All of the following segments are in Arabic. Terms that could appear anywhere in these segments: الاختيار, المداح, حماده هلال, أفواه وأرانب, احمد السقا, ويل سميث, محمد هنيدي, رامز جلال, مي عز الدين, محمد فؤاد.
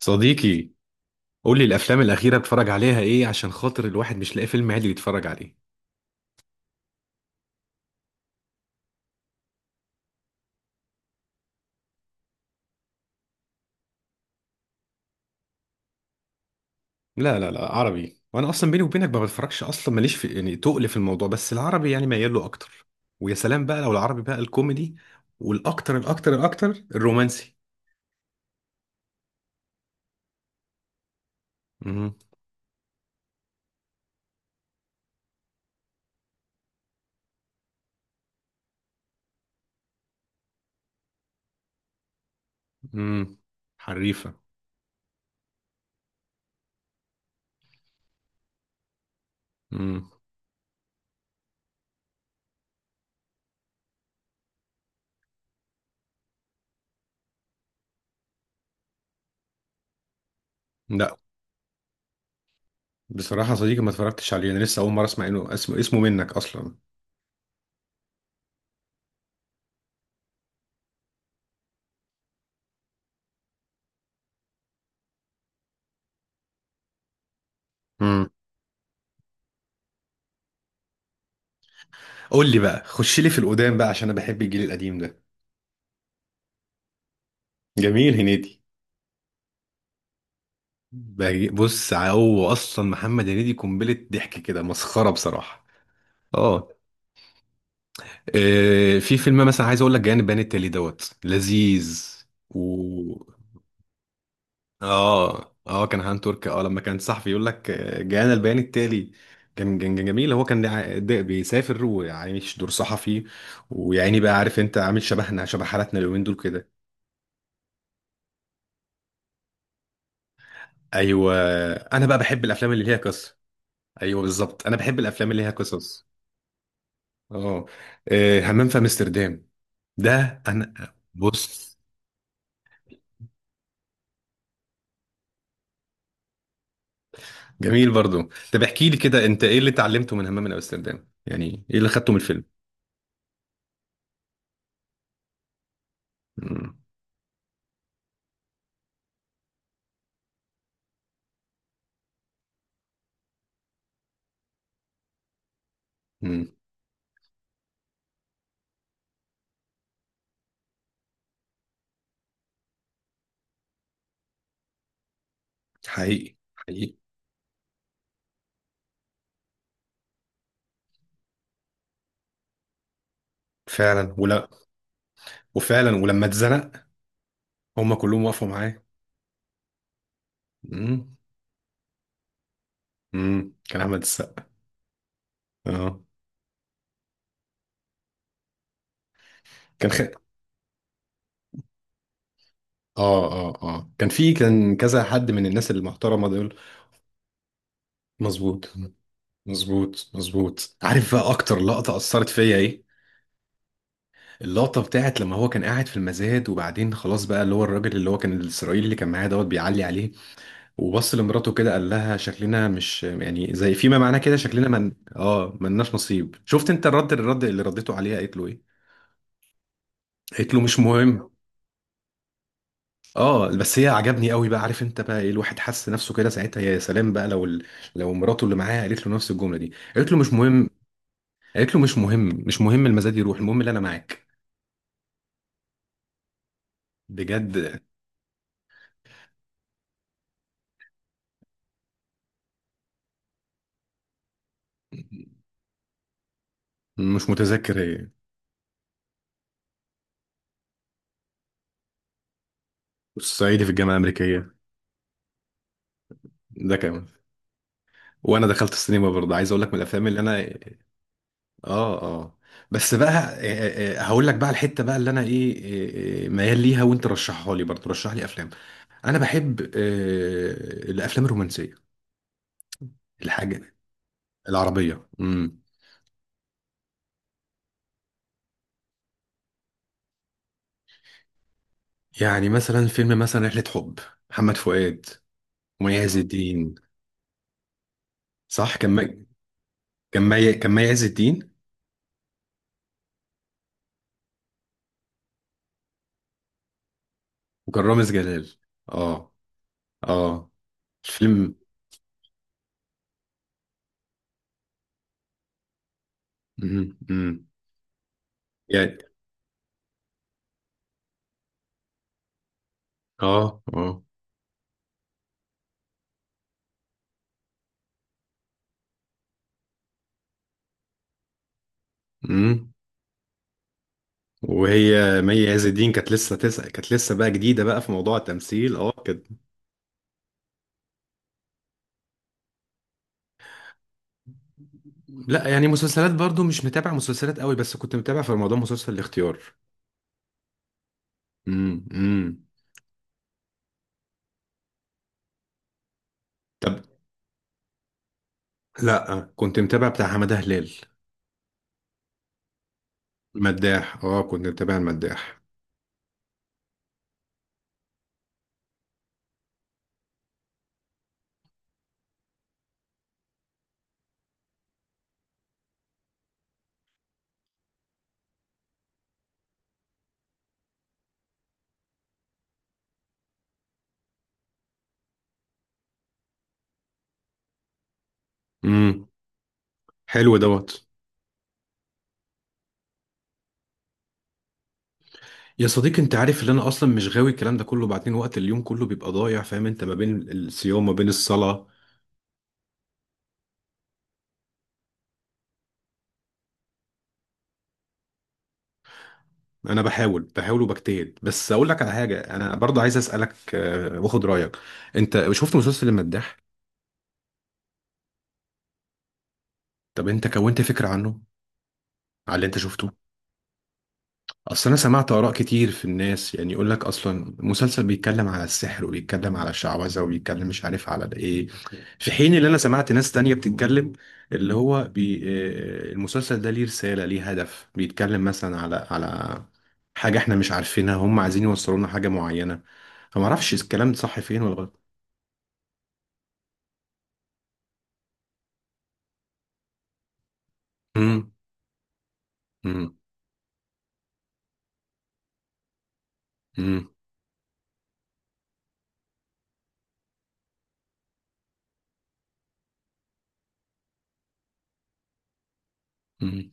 صديقي، قول لي الافلام الاخيره بتفرج عليها ايه عشان خاطر الواحد مش لاقي فيلم عادي يتفرج عليه. لا، لا، لا، عربي، وانا اصلا بيني وبينك ما بتفرجش اصلا ماليش في يعني تقل في الموضوع، بس العربي يعني ميال له اكتر. ويا سلام بقى لو العربي بقى الكوميدي، والاكتر الاكتر الاكتر الرومانسي. امم امم حريفه. امم لا، بصراحه صديقي ما اتفرجتش عليه، انا لسه اول مره اسمع انه اسمه منك اصلا. امم قول لي بقى، خش لي في القدام بقى عشان انا بحب الجيل القديم ده. جميل هنيدي. بص، هو اصلا محمد هنيدي قنبله ضحك كده، مسخره بصراحه. اه، في فيلم مثلا عايز اقول لك جانب بيان التالي دوت لذيذ و اه، اه، كان هان ترك، اه لما كان صحفي يقول لك جانا البيان التالي. كان جميل، هو كان بيسافر وعايش دور صحفي. ويعني بقى عارف انت، عامل شبهنا شبه حالاتنا اليومين دول كده. ايوه، انا بقى بحب الافلام اللي ليها قصه. ايوه بالظبط، انا بحب الافلام اللي ليها قصص. اه، همام في امستردام. ده انا بص. جميل برضو. طب احكي لي كده، انت ايه اللي اتعلمته من همام من امستردام، يعني ايه اللي خدته من الفيلم؟ مم. مم. حقيقي حقيقي. فعلا ولا. وفعلا ولما اتزنق هم كلهم وقفوا معاه. مم. مم. كان احمد السقا. اه. كان خ... اه، اه، اه، كان كذا حد من الناس المحترمه دول. مظبوط. مظبوط، مظبوط، عارف بقى اكتر لقطه اثرت فيا ايه؟ اللقطة بتاعت لما هو كان قاعد في المزاد، وبعدين خلاص بقى اللي هو الراجل اللي هو كان الإسرائيلي اللي كان معاه دوت بيعلي عليه، وبص لمراته كده قال لها شكلنا مش يعني زي فيما معناه كده، شكلنا من ملناش نصيب. شفت انت الرد اللي ردته عليها قالت له ايه؟ قالت له مش مهم. اه، بس هي عجبني قوي، بقى عارف انت بقى ايه الواحد حس نفسه كده ساعتها. يا سلام بقى لو لو مراته اللي معاها قالت له نفس الجملة دي، قالت له مش مهم. قالت له مش مهم، مش مهم، المزاد يروح، المهم اللي انا معاك. بجد. مش متذكر ايه. الصعيدي في الجامعة الأمريكية. ده كمان. وانا دخلت السينما برضه، عايز اقول لك من الافلام اللي انا، اه، اه، بس بقى هقول لك بقى الحته بقى اللي انا ايه، ميال ليها، وانت رشحها لي برضه رشح لي افلام. انا بحب الافلام الرومانسيه. الحاجه العربيه. يعني مثلا فيلم مثلا رحله حب، محمد فؤاد ومي عز الدين. صح كان مي عز الدين وكان رامز جلال. اه، اه. الفيلم. امم امم يعني، اه، اه، وهي مي عز الدين كانت لسه بقى جديده بقى في موضوع التمثيل، اه كانت. لا، يعني مسلسلات برضو مش متابع مسلسلات قوي، بس كنت متابع في رمضان مسلسل الاختيار. امم امم طب، لا كنت متابع بتاع حماده هلال، المداح. اه، كنت متابع المداح. امم حلو دوت. يا صديقي، انت عارف ان انا اصلا مش غاوي الكلام ده كله، بعدين وقت اليوم كله بيبقى ضايع، فاهم انت ما بين الصيام ما بين الصلاه. انا بحاول بحاول وبجتهد، بس اقول لك على حاجه، انا برضه عايز اسالك واخد رايك. انت شفت مسلسل المداح؟ طب انت كونت فكره عنه على اللي انت شفته؟ اصل انا سمعت اراء كتير في الناس، يعني يقول لك اصلا مسلسل بيتكلم على السحر وبيتكلم على الشعوذه، وبيتكلم مش عارف على ايه. في حين اللي انا سمعت ناس تانية بتتكلم، اللي هو المسلسل ده ليه رساله، ليه هدف، بيتكلم مثلا على حاجه احنا مش عارفينها، هم عايزين يوصلوا لنا حاجه معينه. فما اعرفش الكلام ده صح فين ولا غلط. مم. مم. مم. مم.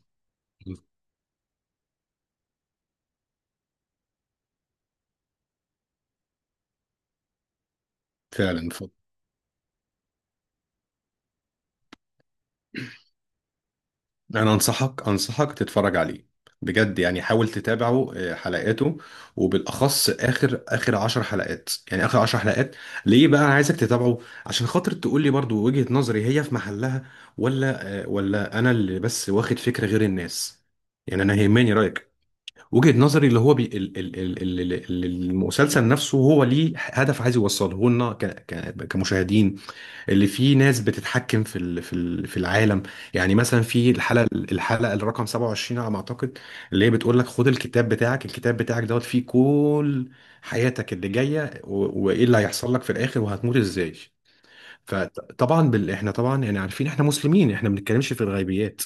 فعلا انا انصحك تتفرج عليه بجد، يعني حاول تتابعه حلقاته، وبالاخص اخر اخر 10 حلقات، يعني اخر 10 حلقات. ليه بقى انا عايزك تتابعه؟ عشان خاطر تقول لي برضو وجهة نظري هي في محلها، ولا ولا انا اللي بس واخد فكرة غير الناس، يعني انا يهمني رايك. وجهة نظري اللي هو بي ال ال ال ال ال- المسلسل نفسه هو ليه هدف عايز يوصله لنا كمشاهدين، اللي فيه ناس بتتحكم في العالم. يعني مثلا في الحلقه الرقم 27 على ما اعتقد، اللي هي بتقول لك خد الكتاب بتاعك، الكتاب بتاعك دوت فيه كل حياتك اللي جايه، وايه اللي هيحصل لك في الاخر وهتموت ازاي. فطبعا احنا طبعا يعني عارفين احنا مسلمين، احنا ما بنتكلمش في الغيبيات،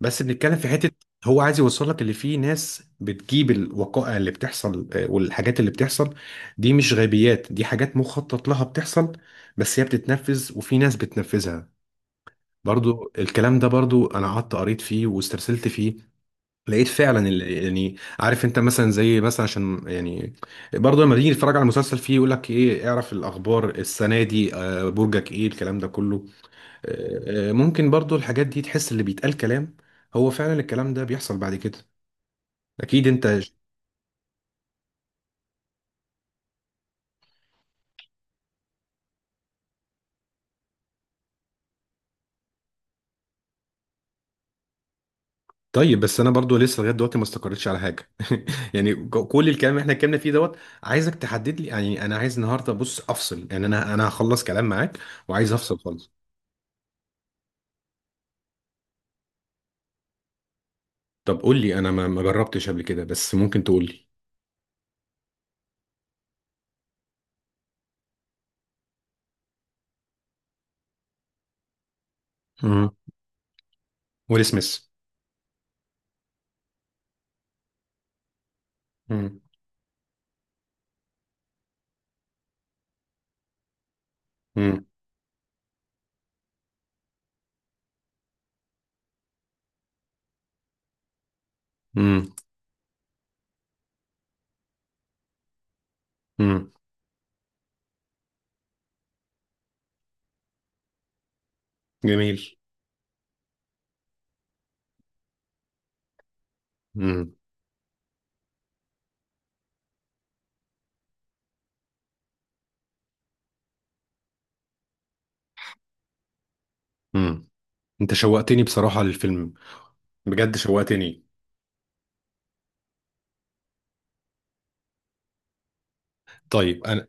بس بنتكلم في حته. هو عايز يوصل لك اللي فيه ناس بتجيب الوقائع اللي بتحصل والحاجات اللي بتحصل، دي مش غيبيات، دي حاجات مخطط لها بتحصل، بس هي بتتنفذ وفي ناس بتنفذها. برضو الكلام ده برضو انا قعدت قريت فيه واسترسلت فيه، لقيت فعلا يعني عارف انت مثلا زي مثلا عشان يعني برضه لما تيجي تتفرج على المسلسل، فيه يقول لك ايه اعرف الاخبار السنه دي برجك ايه الكلام ده كله. ممكن برضو الحاجات دي تحس اللي بيتقال كلام، هو فعلا الكلام ده بيحصل بعد كده. اكيد انت. طيب بس انا برضو لسه لغايه دلوقتي ما استقريتش على حاجه يعني كل الكلام اللي احنا اتكلمنا فيه دوت عايزك تحدد لي، يعني انا عايز النهارده بص افصل، يعني انا هخلص كلام معاك وعايز افصل خالص. طب قول لي، انا ما جربتش قبل كده، بس ممكن تقول لي. امم ويل سميث. امم امم امم امم جميل. امم امم انت شوقتني بصراحه للفيلم، بجد شوقتني. طيب انا.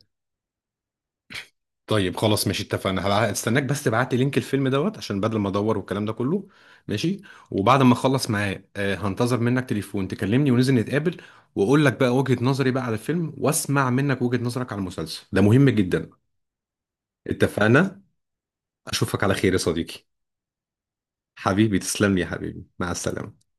طيب خلاص ماشي، اتفقنا، هستناك، بس تبعت لي لينك الفيلم دوت عشان بدل ما ادور والكلام ده كله. ماشي. وبعد ما اخلص معاه هنتظر منك تليفون تكلمني وننزل نتقابل، واقول لك بقى وجهة نظري بقى على الفيلم، واسمع منك وجهة نظرك على المسلسل، ده مهم جدا. اتفقنا. اشوفك على خير يا صديقي. حبيبي تسلم لي يا حبيبي، مع السلامة.